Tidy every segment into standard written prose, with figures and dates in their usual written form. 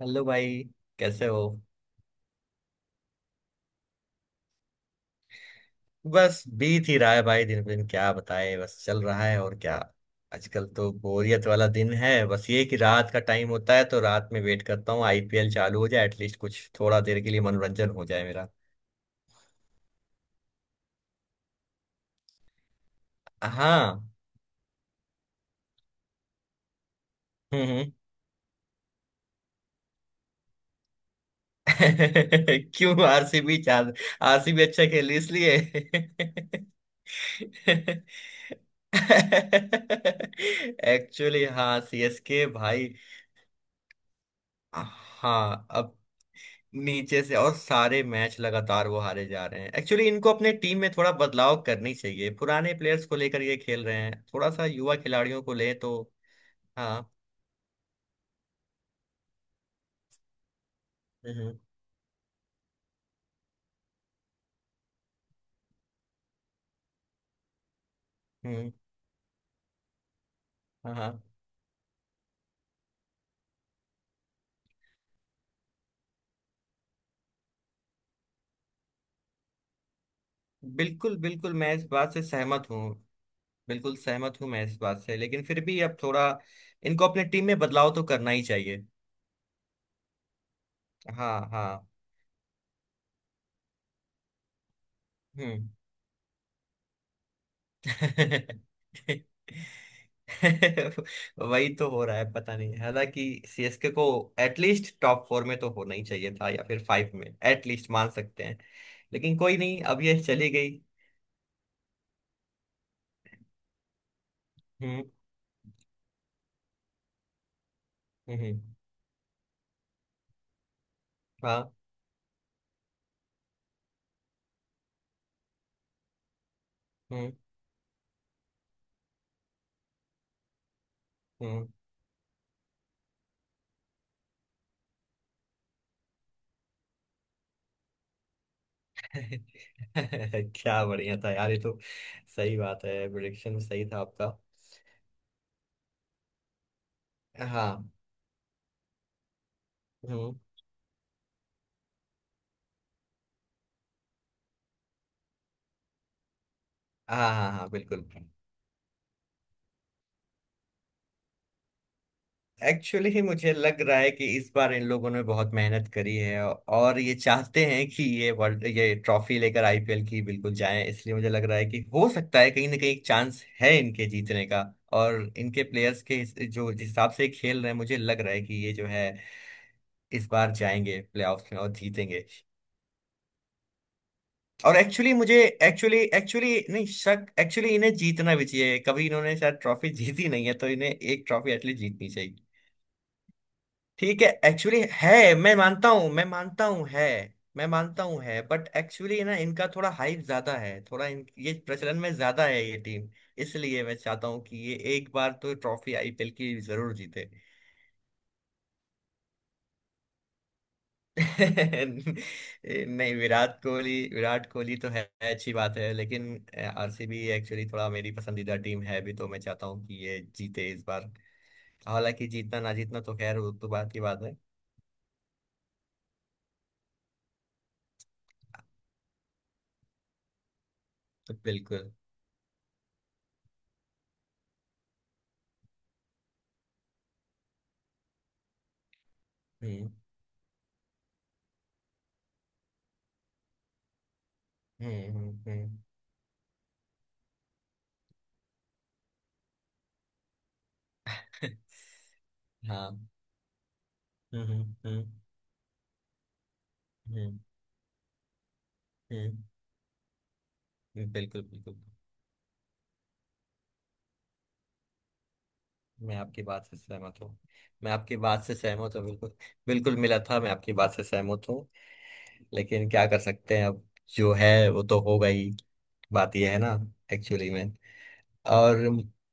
Hello भाई, कैसे हो? बस बीत ही रहा है भाई। दिन पे दिन क्या बताए, बस चल रहा है और क्या। आजकल तो बोरियत वाला दिन है, बस ये कि रात का टाइम होता है तो रात में वेट करता हूँ आईपीएल चालू हो जाए, एटलीस्ट कुछ थोड़ा देर के लिए मनोरंजन हो जाए मेरा। हाँ। हम्म। क्यों? आरसीबी अच्छा खेली इसलिए। एक्चुअली हाँ, सीएसके भाई। हाँ, अब नीचे से और सारे मैच लगातार वो हारे जा रहे हैं। एक्चुअली इनको अपने टीम में थोड़ा बदलाव करनी चाहिए, पुराने प्लेयर्स को लेकर ये खेल रहे हैं, थोड़ा सा युवा खिलाड़ियों को ले तो। हाँ। हम्म हम्म, हाँ हाँ। बिल्कुल बिल्कुल, मैं इस बात से सहमत हूँ। बिल्कुल सहमत हूँ मैं इस बात से, लेकिन फिर भी अब थोड़ा इनको अपने टीम में बदलाव तो करना ही चाहिए। हाँ हाँ। हम्म। वही तो हो रहा है पता नहीं। हालांकि सीएसके को एटलीस्ट टॉप फोर में तो होना ही चाहिए था या फिर फाइव में एटलीस्ट मान सकते हैं। लेकिन कोई नहीं, अब ये चली गई। हम्म हम्म। हाँ। हम्म हम्म। क्या बढ़िया था यार ये तो। सही बात है, प्रिडिक्शन सही था आपका। हाँ। हम्म। हाँ हाँ हाँ, बिल्कुल। एक्चुअली ही मुझे लग रहा है कि इस बार इन लोगों ने बहुत मेहनत करी है। और ये चाहते हैं कि ये ट्रॉफी लेकर आईपीएल की बिल्कुल जाएं, इसलिए मुझे लग रहा है कि हो सकता है कहीं ना कहीं चांस है इनके जीतने का। और इनके प्लेयर्स के हिस- जो जिस हिसाब से खेल रहे हैं मुझे लग रहा है कि ये जो है इस बार जाएंगे प्लेऑफ्स में और जीतेंगे। और एक्चुअली एक्चुअली नहीं, शक। एक्चुअली इन्हें जीतना भी चाहिए, कभी इन्होंने शायद ट्रॉफी जीती नहीं है, तो इन्हें एक ट्रॉफी एटलीस्ट जीतनी। ठीक है, एक्चुअली है। मैं मानता हूँ है। मैं मानता हूँ है, बट एक्चुअली ना इनका थोड़ा हाइप ज्यादा है, थोड़ा ये प्रचलन में ज्यादा है ये टीम। इसलिए मैं चाहता हूँ कि ये एक बार तो ट्रॉफी आईपीएल की जरूर जीते। नहीं, विराट कोहली, विराट कोहली तो है, अच्छी बात है। लेकिन आरसीबी एक्चुअली थोड़ा मेरी पसंदीदा टीम है भी, तो मैं चाहता हूँ कि ये जीते इस बार। हालांकि जीतना ना जीतना तो खैर, वो तो बात की बात है। बिल्कुल। हम्म हम्म हम्म हम्म। हाँ। हम्म हम्म हम्म हम्म, बिल्कुल बिल्कुल। मैं आपकी बात से सहमत हूँ। मैं आपकी बात से सहमत हूँ, बिल्कुल। बिल्कुल मिला था, मैं आपकी बात से सहमत हूँ। लेकिन क्या कर सकते हैं अब? जो है वो तो हो गई। बात यह है ना, एक्चुअली में। और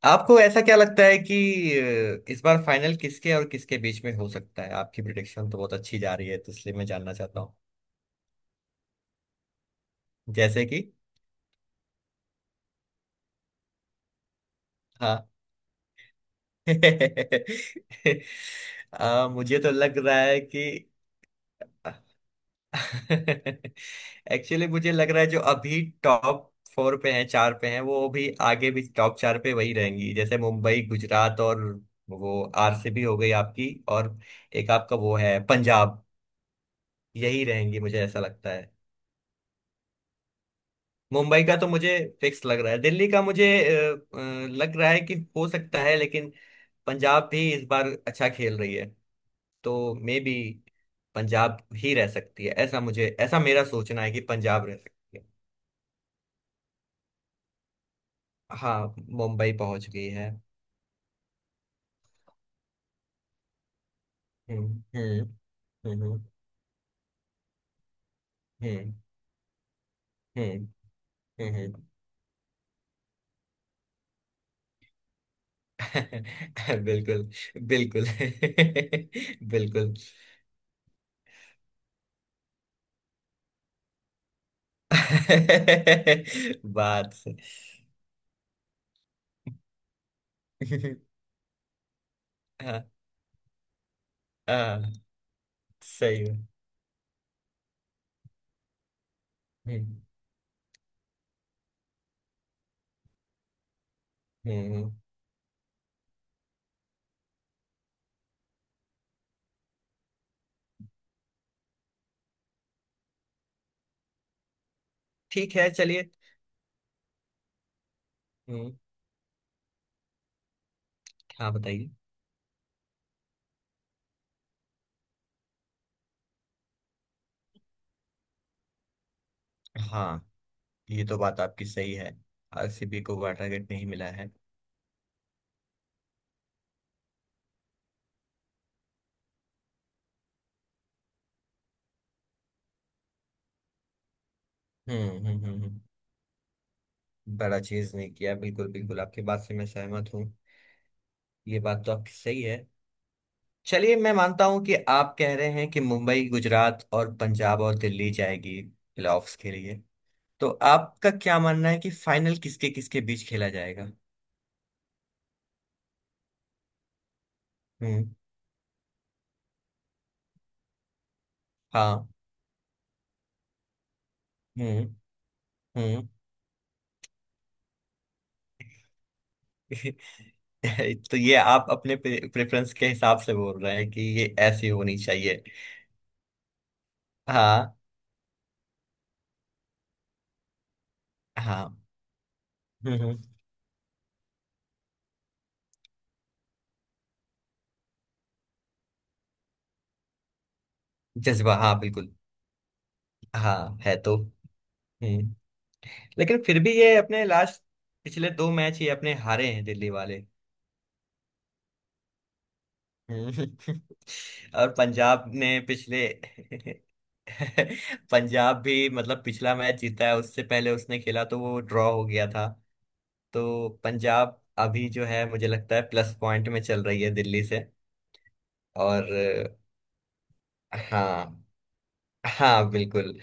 आपको ऐसा क्या लगता है कि इस बार फाइनल किसके और किसके बीच में हो सकता है? आपकी प्रिडिक्शन तो बहुत अच्छी जा रही है, तो इसलिए मैं जानना चाहता हूँ। जैसे कि। हाँ। मुझे तो लग रहा है कि। एक्चुअली मुझे लग रहा है जो अभी टॉप फोर पे हैं, चार पे हैं, वो भी आगे भी टॉप चार पे वही रहेंगी। जैसे मुंबई, गुजरात और वो आरसीबी हो गई आपकी, और एक आपका वो है पंजाब। यही रहेंगी मुझे ऐसा लगता है। मुंबई का तो मुझे फिक्स लग रहा है। दिल्ली का मुझे लग रहा है कि हो सकता है, लेकिन पंजाब भी इस बार अच्छा खेल रही है। तो मे बी पंजाब ही रह सकती है, ऐसा मेरा सोचना है कि पंजाब रह सकती है। हाँ, मुंबई पहुंच गई है। हम्म हम्म हम्म हम्म हम्म हम्म, हम्म। बिल्कुल बिल्कुल। बिल्कुल। बात से- हाँ हाँ, सही है। हम्म हम्म। ठीक है, चलिए। हम्म। हाँ, बताइए। हाँ, ये तो बात आपकी सही है। आरसीबी को वाटर गेट नहीं मिला है। हम्म हम्म हम्म हम्म। बड़ा चीज नहीं किया, बिल्कुल बिल्कुल आपकी बात से मैं सहमत हूँ। ये बात तो आपकी सही है। चलिए, मैं मानता हूं कि आप कह रहे हैं कि मुंबई, गुजरात और पंजाब और दिल्ली जाएगी प्लेऑफ्स के लिए। तो आपका क्या मानना है कि फाइनल किसके किसके बीच खेला जाएगा? हम्म। हाँ। हम्म हम्म। तो ये आप अपने प्रेफरेंस के हिसाब से बोल रहे हैं कि ये ऐसी होनी चाहिए? हाँ हाँ। हम्म हम्म, जज्बा हाँ बिल्कुल। हाँ है तो। हम्म। लेकिन फिर भी ये अपने लास्ट पिछले दो मैच ये अपने हारे हैं, दिल्ली वाले। हम्म। और पंजाब ने पिछले। पंजाब भी मतलब पिछला मैच जीता है, उससे पहले उसने खेला तो वो ड्रॉ हो गया था। तो पंजाब अभी जो है मुझे लगता है प्लस पॉइंट में चल रही है दिल्ली से। और। हाँ। हाँ, बिल्कुल।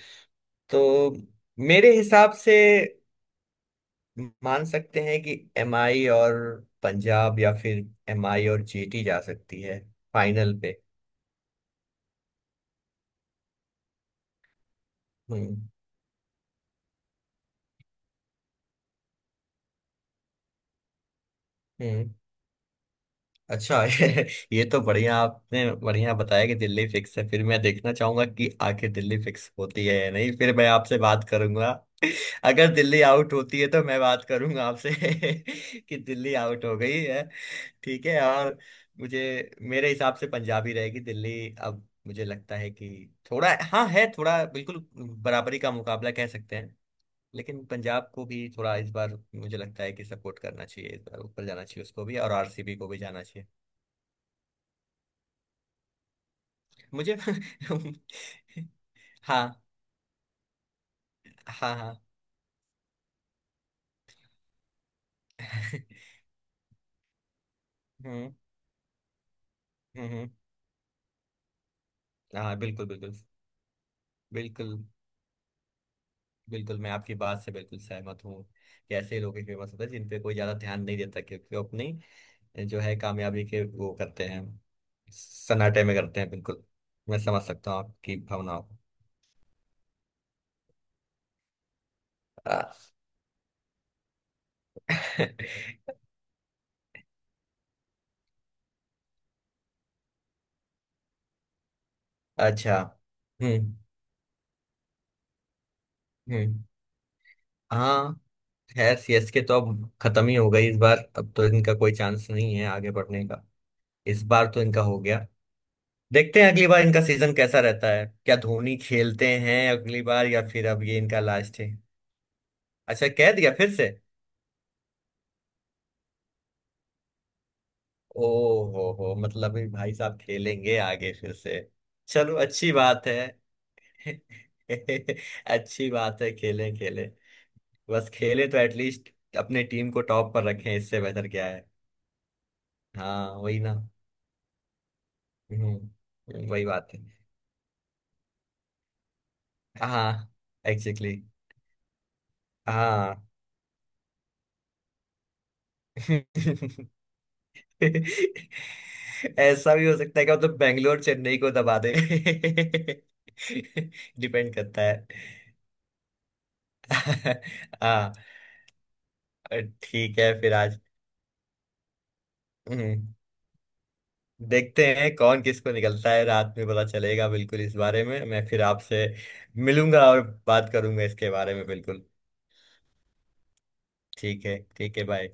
तो मेरे हिसाब से मान सकते हैं कि एमआई और पंजाब या फिर एमआई और जीटी जा सकती है फाइनल पे। हम्म हम्म। अच्छा। ये तो बढ़िया, आपने बढ़िया बताया कि दिल्ली फिक्स है। फिर मैं देखना चाहूंगा कि आखिर दिल्ली फिक्स होती है या नहीं, फिर मैं आपसे बात करूंगा। अगर दिल्ली आउट होती है तो मैं बात करूंगा आपसे कि दिल्ली आउट हो गई है। ठीक है। और मुझे मेरे हिसाब से पंजाब ही रहेगी, दिल्ली। अब मुझे लगता है कि थोड़ा हाँ है, थोड़ा बिल्कुल बराबरी का मुकाबला कह सकते हैं। लेकिन पंजाब को भी थोड़ा इस बार मुझे लगता है कि सपोर्ट करना चाहिए, इस बार ऊपर जाना चाहिए उसको भी, और आरसीबी को भी जाना चाहिए। मुझे। हाँ हाँ हाँ। हम्म हम्म हम्म। हाँ बिल्कुल बिल्कुल। बिल्कुल बिल्कुल मैं आपकी बात से बिल्कुल सहमत हूँ कि ऐसे लोग ही फेमस होते हैं जिन पे कोई ज्यादा ध्यान नहीं देता, क्योंकि वो अपनी जो है कामयाबी के वो करते हैं, सन्नाटे में करते हैं, बिल्कुल। मैं समझ सकता हूँ आपकी भावनाओं को। आ, अच्छा। हम्म हम्म। हाँ, है। सीएसके तो अब खत्म ही हो गई इस बार, अब तो इनका कोई चांस नहीं है आगे बढ़ने का। इस बार तो इनका हो गया, देखते हैं अगली बार इनका सीजन कैसा रहता है, क्या धोनी खेलते हैं अगली बार या फिर अब ये इनका लास्ट है। अच्छा, कह दिया फिर से। ओ हो, मतलब ये भाई साहब खेलेंगे आगे फिर से। चलो, अच्छी बात है। अच्छी बात है, खेलें खेलें। बस खेलें तो एटलीस्ट अपने टीम को टॉप पर रखें, इससे बेहतर क्या है। हाँ वही ना। वही बात है। हाँ। एग्जैक्टली। हाँ। ऐसा भी हो सकता है कि मतलब बैंगलोर चेन्नई को दबा दे। डिपेंड करता है। हाँ। ठीक है, फिर आज। हम्म, देखते हैं कौन किसको निकलता है, रात में पता चलेगा। बिल्कुल, इस बारे में मैं फिर आपसे मिलूंगा और बात करूंगा इसके बारे में, बिल्कुल। ठीक है, ठीक है, बाय।